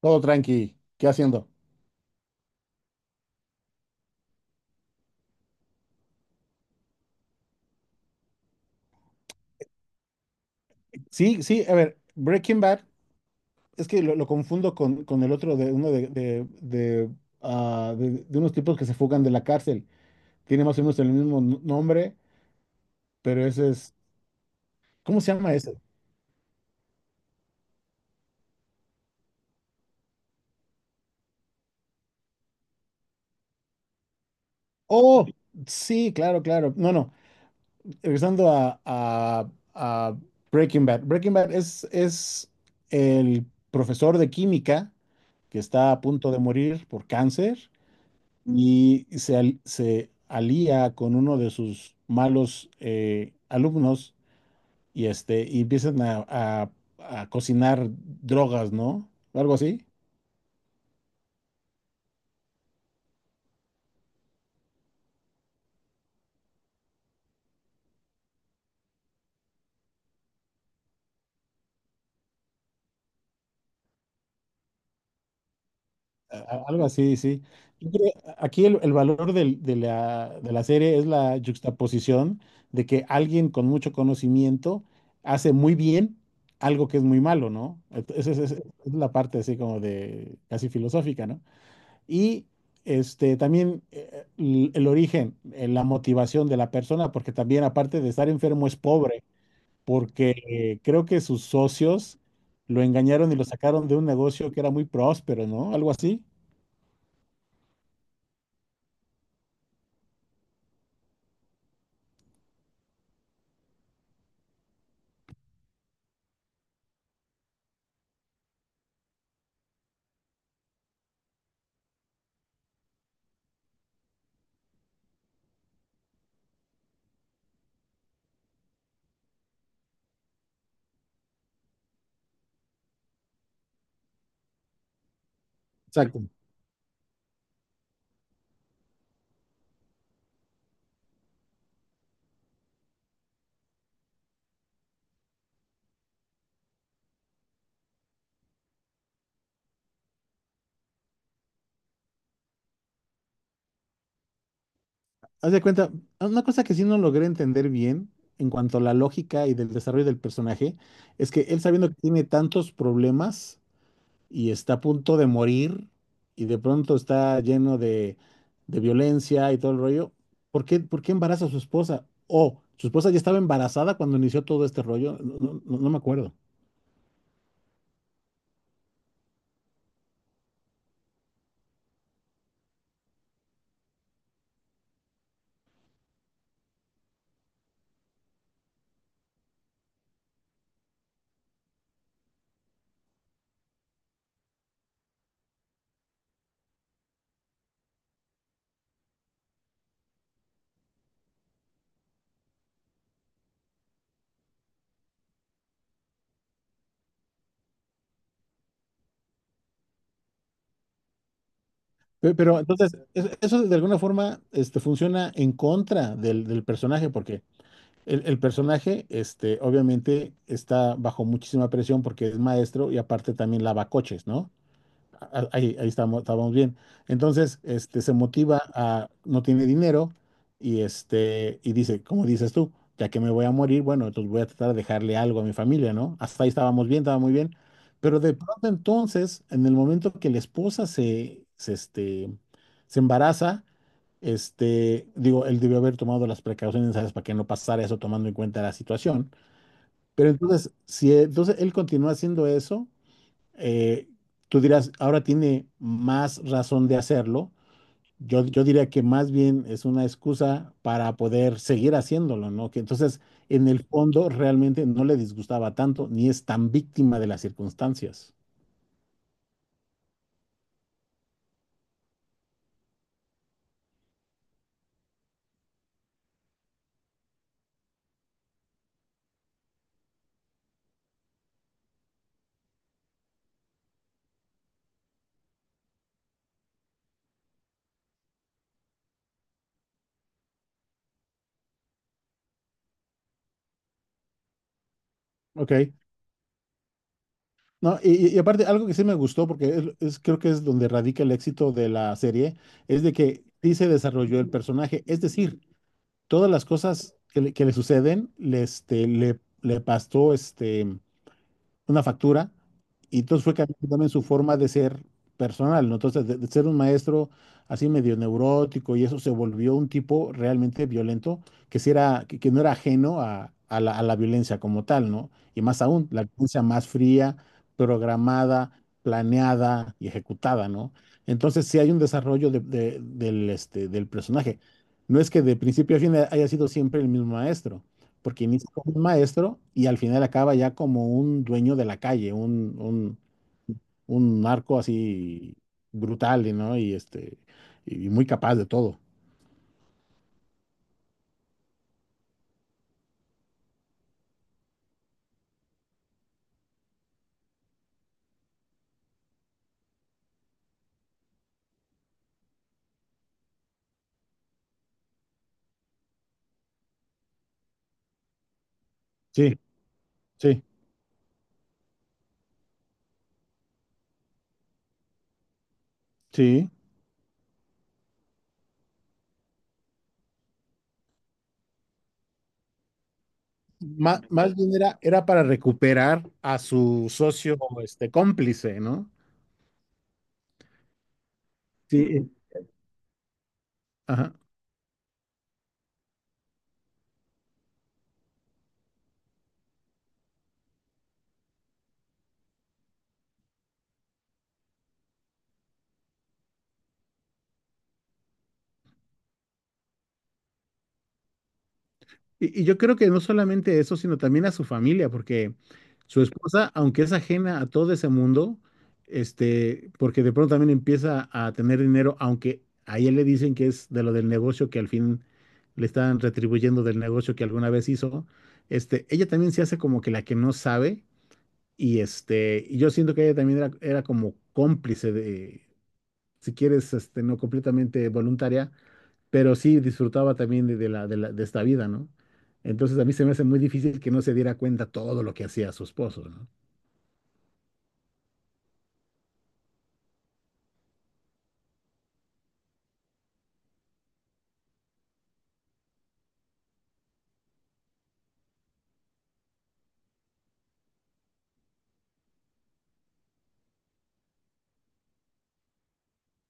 Todo tranqui. ¿Qué haciendo? Sí, sí, a ver, Breaking Bad, es que lo confundo con el otro de unos tipos que se fugan de la cárcel. Tiene más o menos el mismo nombre, pero ese es. ¿Cómo se llama ese? Oh, sí, claro, claro. No, no. Regresando a Breaking Bad. Breaking Bad es el profesor de química que está a punto de morir por cáncer y se alía con uno de sus malos alumnos y, este, y empiezan a cocinar drogas, ¿no? Algo así. Algo así, sí. Yo creo- Aquí el valor de la serie es la juxtaposición de que alguien con mucho conocimiento hace muy bien algo que es muy malo, ¿no? Esa es la parte así como de casi filosófica, ¿no? Y este, también el origen, la motivación de la persona, porque también aparte de estar enfermo es pobre, porque creo que sus socios lo engañaron y lo sacaron de un negocio que era muy próspero, ¿no? Algo así. Exacto. Haz de cuenta, una cosa que sí no logré entender bien en cuanto a la lógica y del desarrollo del personaje, es que él sabiendo que tiene tantos problemas, y está a punto de morir y de pronto está lleno de violencia y todo el rollo, ¿ por qué embaraza a su esposa? ¿O su esposa ya estaba embarazada cuando inició todo este rollo? No me acuerdo. Pero entonces, eso de alguna forma este, funciona en contra del personaje, porque el personaje este, obviamente está bajo muchísima presión porque es maestro y aparte también lava coches, ¿no? Ah, ahí, estábamos bien. Entonces, este, se motiva a, no tiene dinero y, este, y dice, como dices tú, ya que me voy a morir, bueno, entonces voy a tratar de dejarle algo a mi familia, ¿no? Hasta ahí estábamos bien, estaba muy bien. Pero de pronto entonces, en el momento que la esposa este, se embaraza, este, digo, él debió haber tomado las precauciones necesarias para que no pasara eso tomando en cuenta la situación. Pero entonces, si e- entonces él continúa haciendo eso, eh, tú dirás, ahora tiene más razón de hacerlo. Yo diría que más bien es una excusa para poder seguir haciéndolo, ¿no? Que entonces, en el fondo, realmente no le disgustaba tanto, ni es tan víctima de las circunstancias. Ok. No, y aparte, algo que sí me gustó, porque creo que es donde radica el éxito de la serie, es de que sí se desarrolló el personaje. Es decir, todas las cosas que le suceden, le pasó este, una factura, y entonces fue cambiando también su forma de ser personal, ¿no? Entonces, de ser un maestro así medio neurótico y eso se volvió un tipo realmente violento, que no era ajeno a a la violencia como tal, ¿no? Y más aún, la violencia más fría, programada, planeada y ejecutada, ¿no? Entonces, sí hay un desarrollo del personaje. No es que de principio a fin haya sido siempre el mismo maestro porque inicia como un maestro y al final acaba ya como un dueño de la calle, un narco así brutal, y ¿no? Y este, y muy capaz de todo. Sí, sí, sí. Más bien era, era para recuperar a su socio, este, cómplice, ¿no? Sí, ajá. Y yo creo que no solamente eso, sino también a su familia, porque su esposa, aunque es ajena a todo ese mundo, este, porque de pronto también empieza a tener dinero, aunque a ella le dicen que es de lo del negocio que al fin le están retribuyendo del negocio que alguna vez hizo, este, ella también se hace como que la que no sabe, y este, y yo siento que ella también era, era como cómplice de, si quieres, este, no completamente voluntaria, pero sí disfrutaba también de esta vida, ¿no? Entonces a mí se me hace muy difícil que no se diera cuenta todo lo que hacía su esposo, ¿no?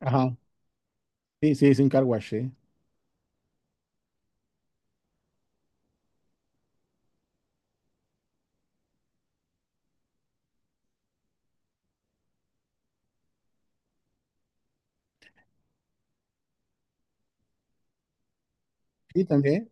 Ajá, sí, sí, es un car wash, sí. Sí, también,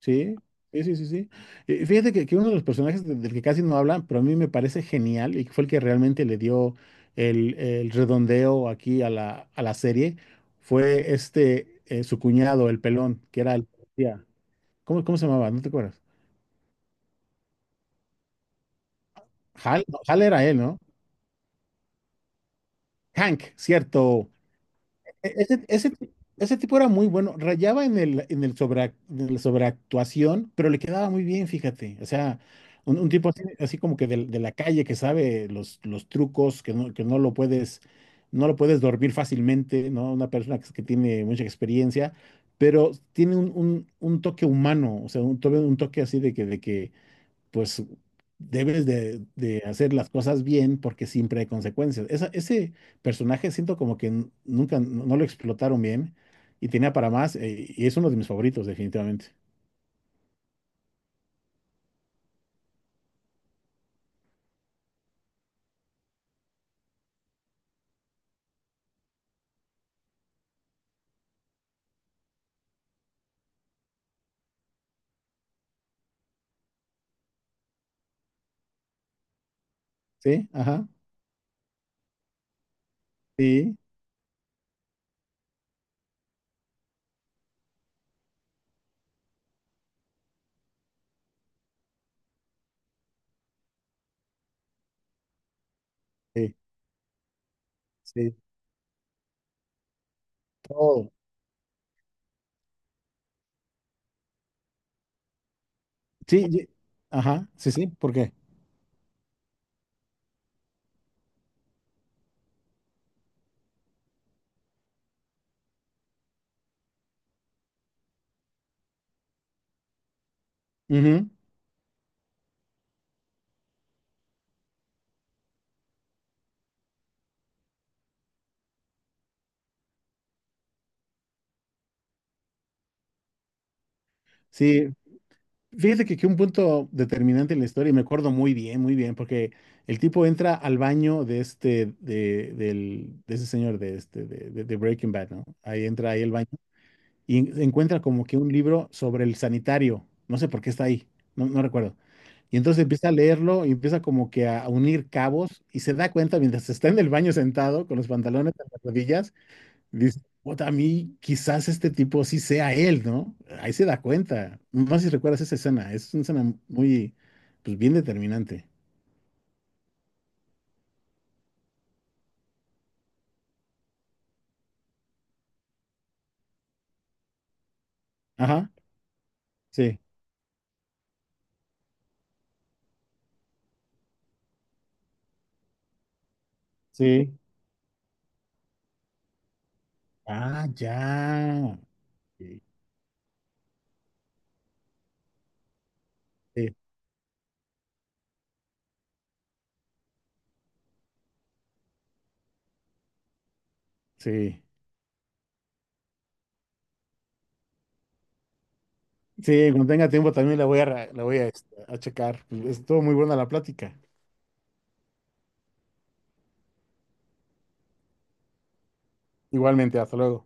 sí, sí, sí, sí, sí. Fíjate que uno de los personajes del que casi no hablan, pero a mí me parece genial y que fue el que realmente le dio el redondeo aquí a la serie, fue este, su cuñado, el pelón, que era el policía. ¿Cómo, cómo se llamaba? ¿No te acuerdas? Hal, no, Hal era él, ¿no? Hank, cierto. Ese, ese, ese tipo era muy bueno, rayaba en el sobre en la sobreactuación, pero le quedaba muy bien, fíjate. O sea, un tipo así, así como que de la calle que sabe los trucos, que no lo puedes, no lo puedes dormir fácilmente, ¿no? Una persona que tiene mucha experiencia, pero tiene un toque humano, o sea, un toque así de que pues debes de hacer las cosas bien porque siempre hay consecuencias. Ese personaje siento como que n- nunca no, no lo explotaron bien y tenía para más, y es uno de mis favoritos definitivamente. Sí, ajá, sí, sí, sí, todo. Sí, ajá, sí, sí, ¿por qué? Ujú. Sí, fíjate que un punto determinante en la historia, y me acuerdo muy bien, porque el tipo entra al baño de ese señor, de este, de Breaking Bad, ¿no? Ahí entra ahí el baño. Y encuentra como que un libro sobre el sanitario, no sé por qué está ahí, no recuerdo. Y entonces empieza a leerlo y empieza como que a unir cabos y se da cuenta mientras está en el baño sentado con los pantalones en las rodillas, dice, "Puta, a mí quizás este tipo sí sea él, ¿no?" Ahí se da cuenta. No sé si recuerdas esa escena, es una escena muy, pues bien determinante. Ajá, sí, sí. Ah, ya. Sí, sí, sí. Sí, cuando tenga tiempo también la voy a, la voy a, este, a checar. Estuvo muy buena la plática. Igualmente, hasta luego.